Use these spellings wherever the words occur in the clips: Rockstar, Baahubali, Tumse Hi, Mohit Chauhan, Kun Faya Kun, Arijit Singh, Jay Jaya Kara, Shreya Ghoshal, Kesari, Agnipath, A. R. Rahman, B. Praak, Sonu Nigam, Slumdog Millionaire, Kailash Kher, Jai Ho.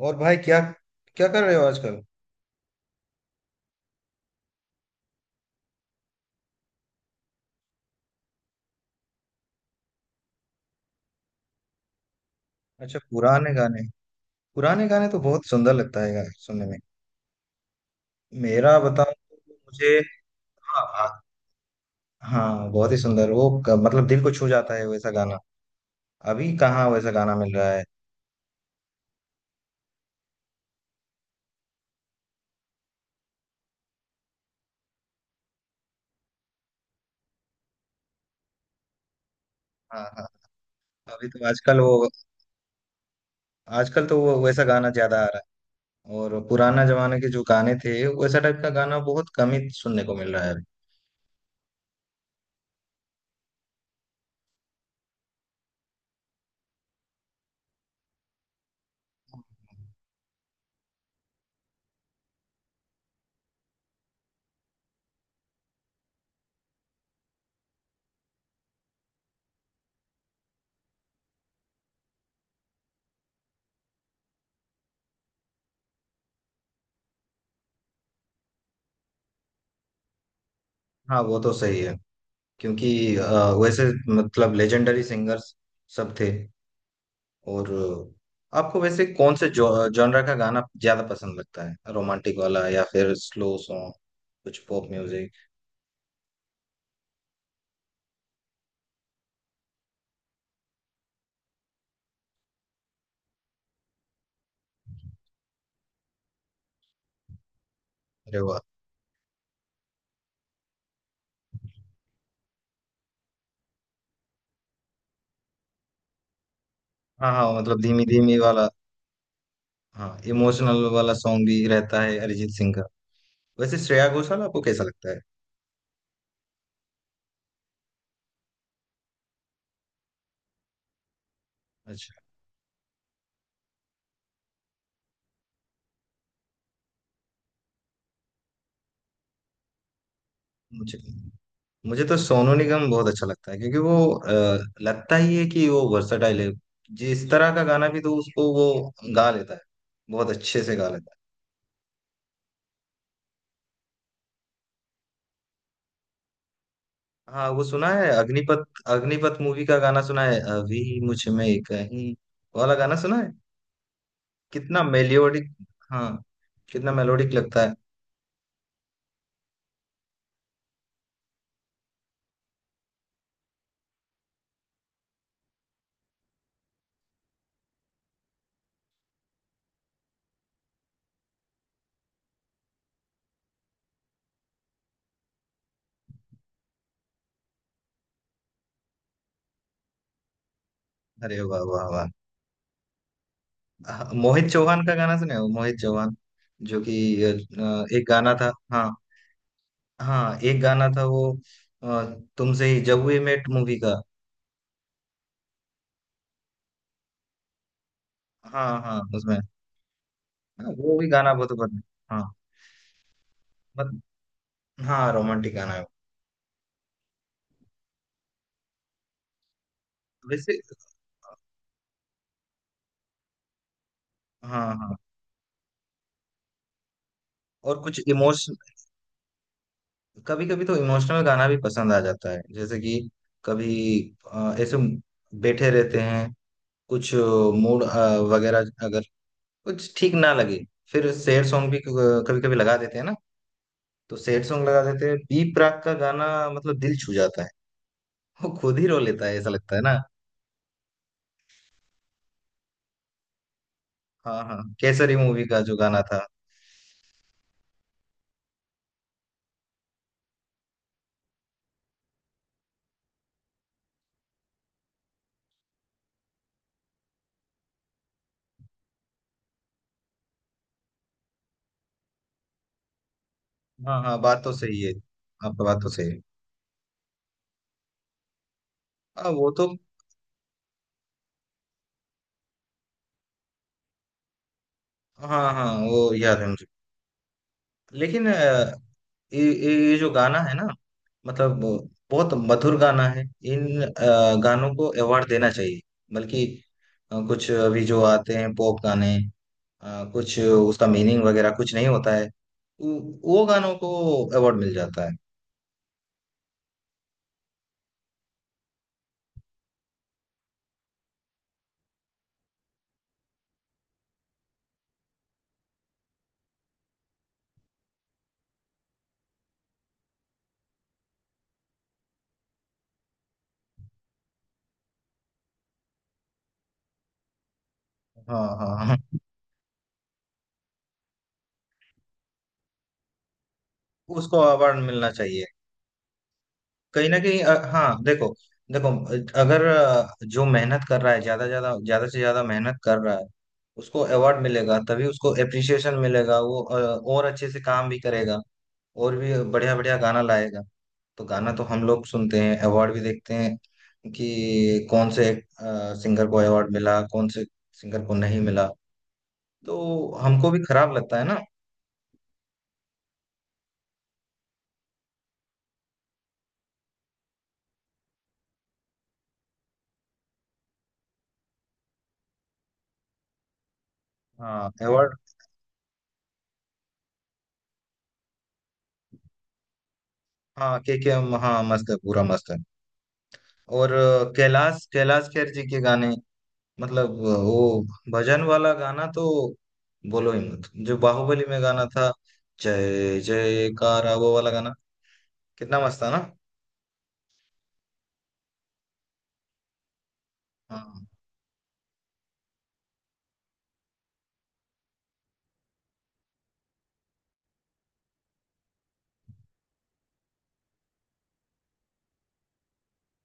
और भाई क्या क्या कर रहे हो आजकल। अच्छा, पुराने गाने। पुराने गाने तो बहुत सुंदर लगता है यार सुनने में। मेरा बताऊं तो मुझे। हाँ हाँ। हाँ, बहुत ही सुंदर वो मतलब दिल को छू जाता है वैसा गाना। अभी कहाँ वैसा गाना मिल रहा है। हाँ हाँ। अभी तो आजकल वो, आजकल तो वो वैसा गाना ज्यादा आ रहा है। और पुराना जमाने के जो गाने थे, वैसा टाइप का गाना बहुत कम ही सुनने को मिल रहा है अभी। हाँ, वो तो सही है। क्योंकि वैसे मतलब लेजेंडरी सिंगर्स सब थे। और आपको वैसे कौन से जॉनरा का गाना ज्यादा पसंद लगता है, रोमांटिक वाला या फिर स्लो सॉन्ग, कुछ पॉप म्यूजिक? अरे वाह। हाँ हाँ, मतलब धीमी धीमी वाला। हाँ, इमोशनल वाला सॉन्ग भी रहता है अरिजीत सिंह का। वैसे श्रेया घोषाल आपको कैसा लगता है? अच्छा। मुझे, मुझे तो सोनू निगम बहुत अच्छा लगता है, क्योंकि वो लगता ही है कि वो वर्सटाइल है। जिस तरह का गाना भी तो उसको वो गा लेता है, बहुत अच्छे से गा लेता है। हाँ, वो सुना है अग्निपथ, अग्निपथ मूवी का गाना सुना है अभी, मुझ में कहीं वाला गाना सुना है। कितना मेलोडिक। हाँ, कितना मेलोडिक लगता है। अरे वाह वाह वाह। हाँ, मोहित चौहान का गाना सुना है, वो मोहित चौहान जो कि एक गाना था। हाँ, हाँ एक गाना था वो, अ, तुमसे ही, जब वी मेट मूवी का। हाँ हाँ, उसमें। हाँ, वो भी गाना बहुत पसंद है। हाँ। मत, हाँ रोमांटिक गाना है वो। वैसे, हाँ हाँ। और कुछ इमोश, कभी कभी तो इमोशनल गाना भी पसंद आ जाता है, जैसे कि कभी ऐसे बैठे रहते हैं, कुछ मूड वगैरह अगर कुछ ठीक ना लगे, फिर सैड सॉन्ग भी कभी कभी लगा देते हैं ना, तो सैड सॉन्ग लगा देते हैं, बी प्राक का गाना मतलब दिल छू जाता है, वो खुद ही रो लेता है ऐसा लगता है ना। हाँ हाँ, केसरी मूवी का जो गाना था। हाँ हाँ, बात तो सही है। आपका बात तो सही है। हाँ, वो तो, हाँ हाँ, वो याद है मुझे। लेकिन ये जो गाना है ना, मतलब बहुत मधुर गाना है। इन गानों को अवार्ड देना चाहिए। बल्कि कुछ अभी जो आते हैं पॉप गाने, कुछ उसका मीनिंग वगैरह कुछ नहीं होता है, वो वो गानों को अवार्ड मिल जाता है। हाँ हाँ हाँ, उसको अवार्ड मिलना चाहिए। कहीं ना कहीं हाँ देखो, देखो अगर जो मेहनत कर रहा है, ज्यादा ज्यादा ज्यादा से ज्यादा मेहनत कर रहा है, उसको अवार्ड मिलेगा तभी उसको एप्रिसिएशन मिलेगा, वो और अच्छे से काम भी करेगा, और भी बढ़िया बढ़िया गाना लाएगा। तो गाना तो हम लोग सुनते हैं, अवार्ड भी देखते हैं कि कौन से सिंगर को अवार्ड मिला, कौन से सिंगर को नहीं मिला, तो हमको भी खराब लगता है ना। हाँ अवार्ड। हाँ के, हाँ मस्त है पूरा मस्त है। और कैलाश, कैलाश खेर जी के गाने, मतलब वो भजन वाला गाना तो बोलो ही मत। जो बाहुबली में गाना था, जय जय कारा वो वाला गाना, कितना मस्त था ना। हाँ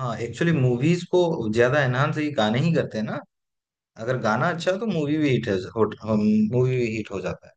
हाँ, एक्चुअली मूवीज को ज्यादा एनहांस ये गाने ही करते हैं ना। अगर गाना अच्छा हो तो मूवी भी हिट हो, मूवी भी हिट हो जाता है।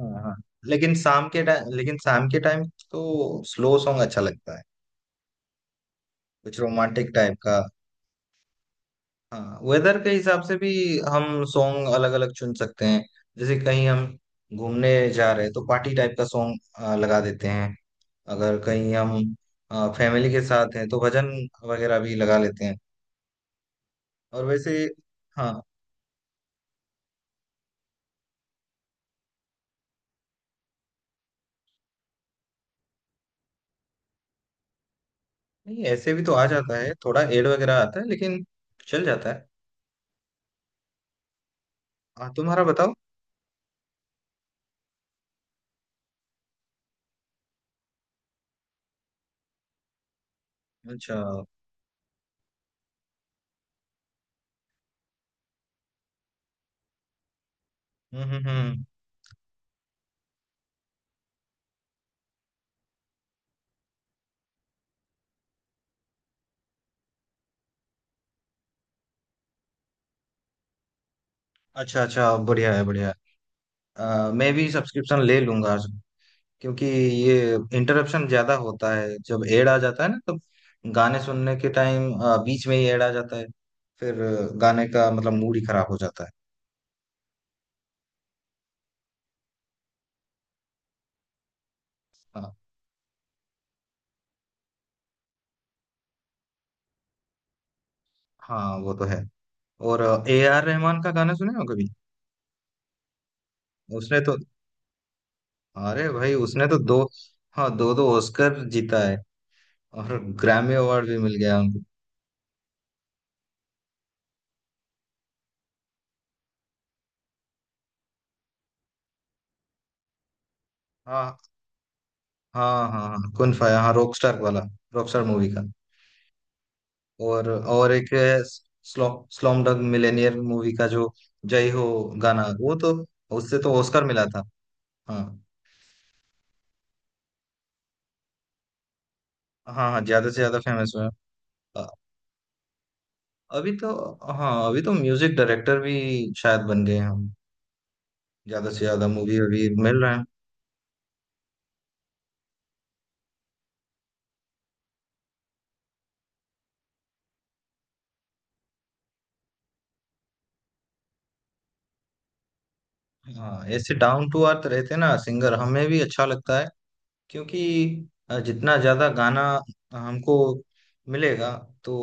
हाँ हाँ, लेकिन शाम के टाइम, लेकिन शाम के टाइम तो स्लो सॉन्ग अच्छा लगता है, कुछ रोमांटिक टाइप का। हाँ, वेदर के हिसाब से भी हम सॉन्ग अलग अलग चुन सकते हैं। जैसे कहीं हम घूमने जा रहे हैं तो पार्टी टाइप का सॉन्ग लगा देते हैं, अगर कहीं हम फैमिली के साथ हैं तो भजन वगैरह भी लगा लेते हैं। और वैसे, हाँ। नहीं, ऐसे भी तो आ जाता है, थोड़ा एड वगैरह आता है लेकिन चल जाता है। तुम्हारा बताओ। अच्छा, हम्म हम्म। अच्छा अच्छा, बढ़िया है बढ़िया है। मैं भी सब्सक्रिप्शन ले लूंगा, क्योंकि ये इंटरप्शन ज्यादा होता है, जब एड आ जाता है ना तब, गाने सुनने के टाइम बीच में ही एड आ जाता है, फिर गाने का मतलब मूड ही खराब हो जाता है। हाँ हाँ, वो तो है। और ए आर रहमान का गाना सुने हो कभी? उसने तो, अरे भाई उसने तो दो, हाँ दो दो ऑस्कर जीता है, और ग्रैमी अवार्ड भी मिल गया उनको। हाँ हाँ हाँ हाँ कुन फाया, हाँ रॉकस्टार वाला, रॉकस्टार मूवी का। और एक है slum Slumdog Millionaire movie का जो जय हो गाना, वो तो उससे तो ऑस्कर मिला था। हाँ हाँ हाँ, ज्यादा से ज्यादा फेमस हुआ। अ- अभी तो, हाँ अभी तो म्यूजिक डायरेक्टर भी शायद बन गए हैं हम, ज्यादा से ज्यादा मूवी अभी मिल रहे हैं। हाँ, ऐसे डाउन टू अर्थ रहते ना सिंगर, हमें भी अच्छा लगता है, क्योंकि जितना ज्यादा गाना हमको मिलेगा, तो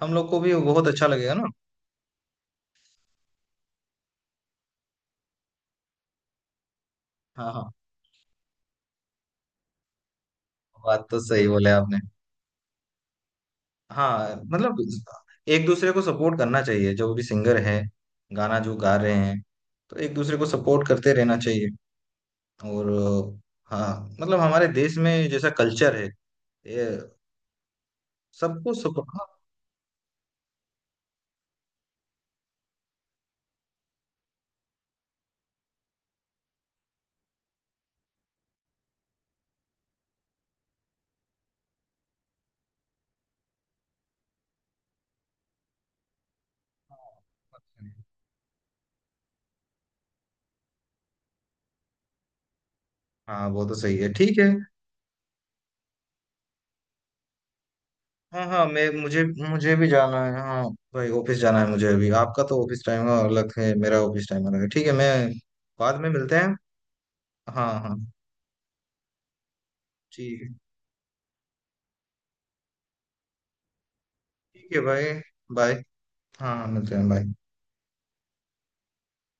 हम लोग को भी बहुत अच्छा लगेगा ना। हाँ हाँ, बात तो सही बोले आपने। हाँ मतलब एक दूसरे को सपोर्ट करना चाहिए, जो भी सिंगर है, गाना जो गा रहे हैं, तो एक दूसरे को सपोर्ट करते रहना चाहिए। और हाँ मतलब हमारे देश में जैसा कल्चर है, ये सबको सपोर्ट, हाँ। हाँ, वो तो सही है, ठीक है। हाँ हाँ, मैं, मुझे मुझे भी जाना है, हाँ भाई ऑफिस जाना है मुझे अभी। आपका तो ऑफिस टाइम अलग है, मेरा ऑफिस टाइम अलग है, ठीक है, मैं बाद में मिलते हैं। हाँ हाँ, ठीक है। ठीक है भाई, बाय। हाँ हाँ, मिलते हैं, बाय।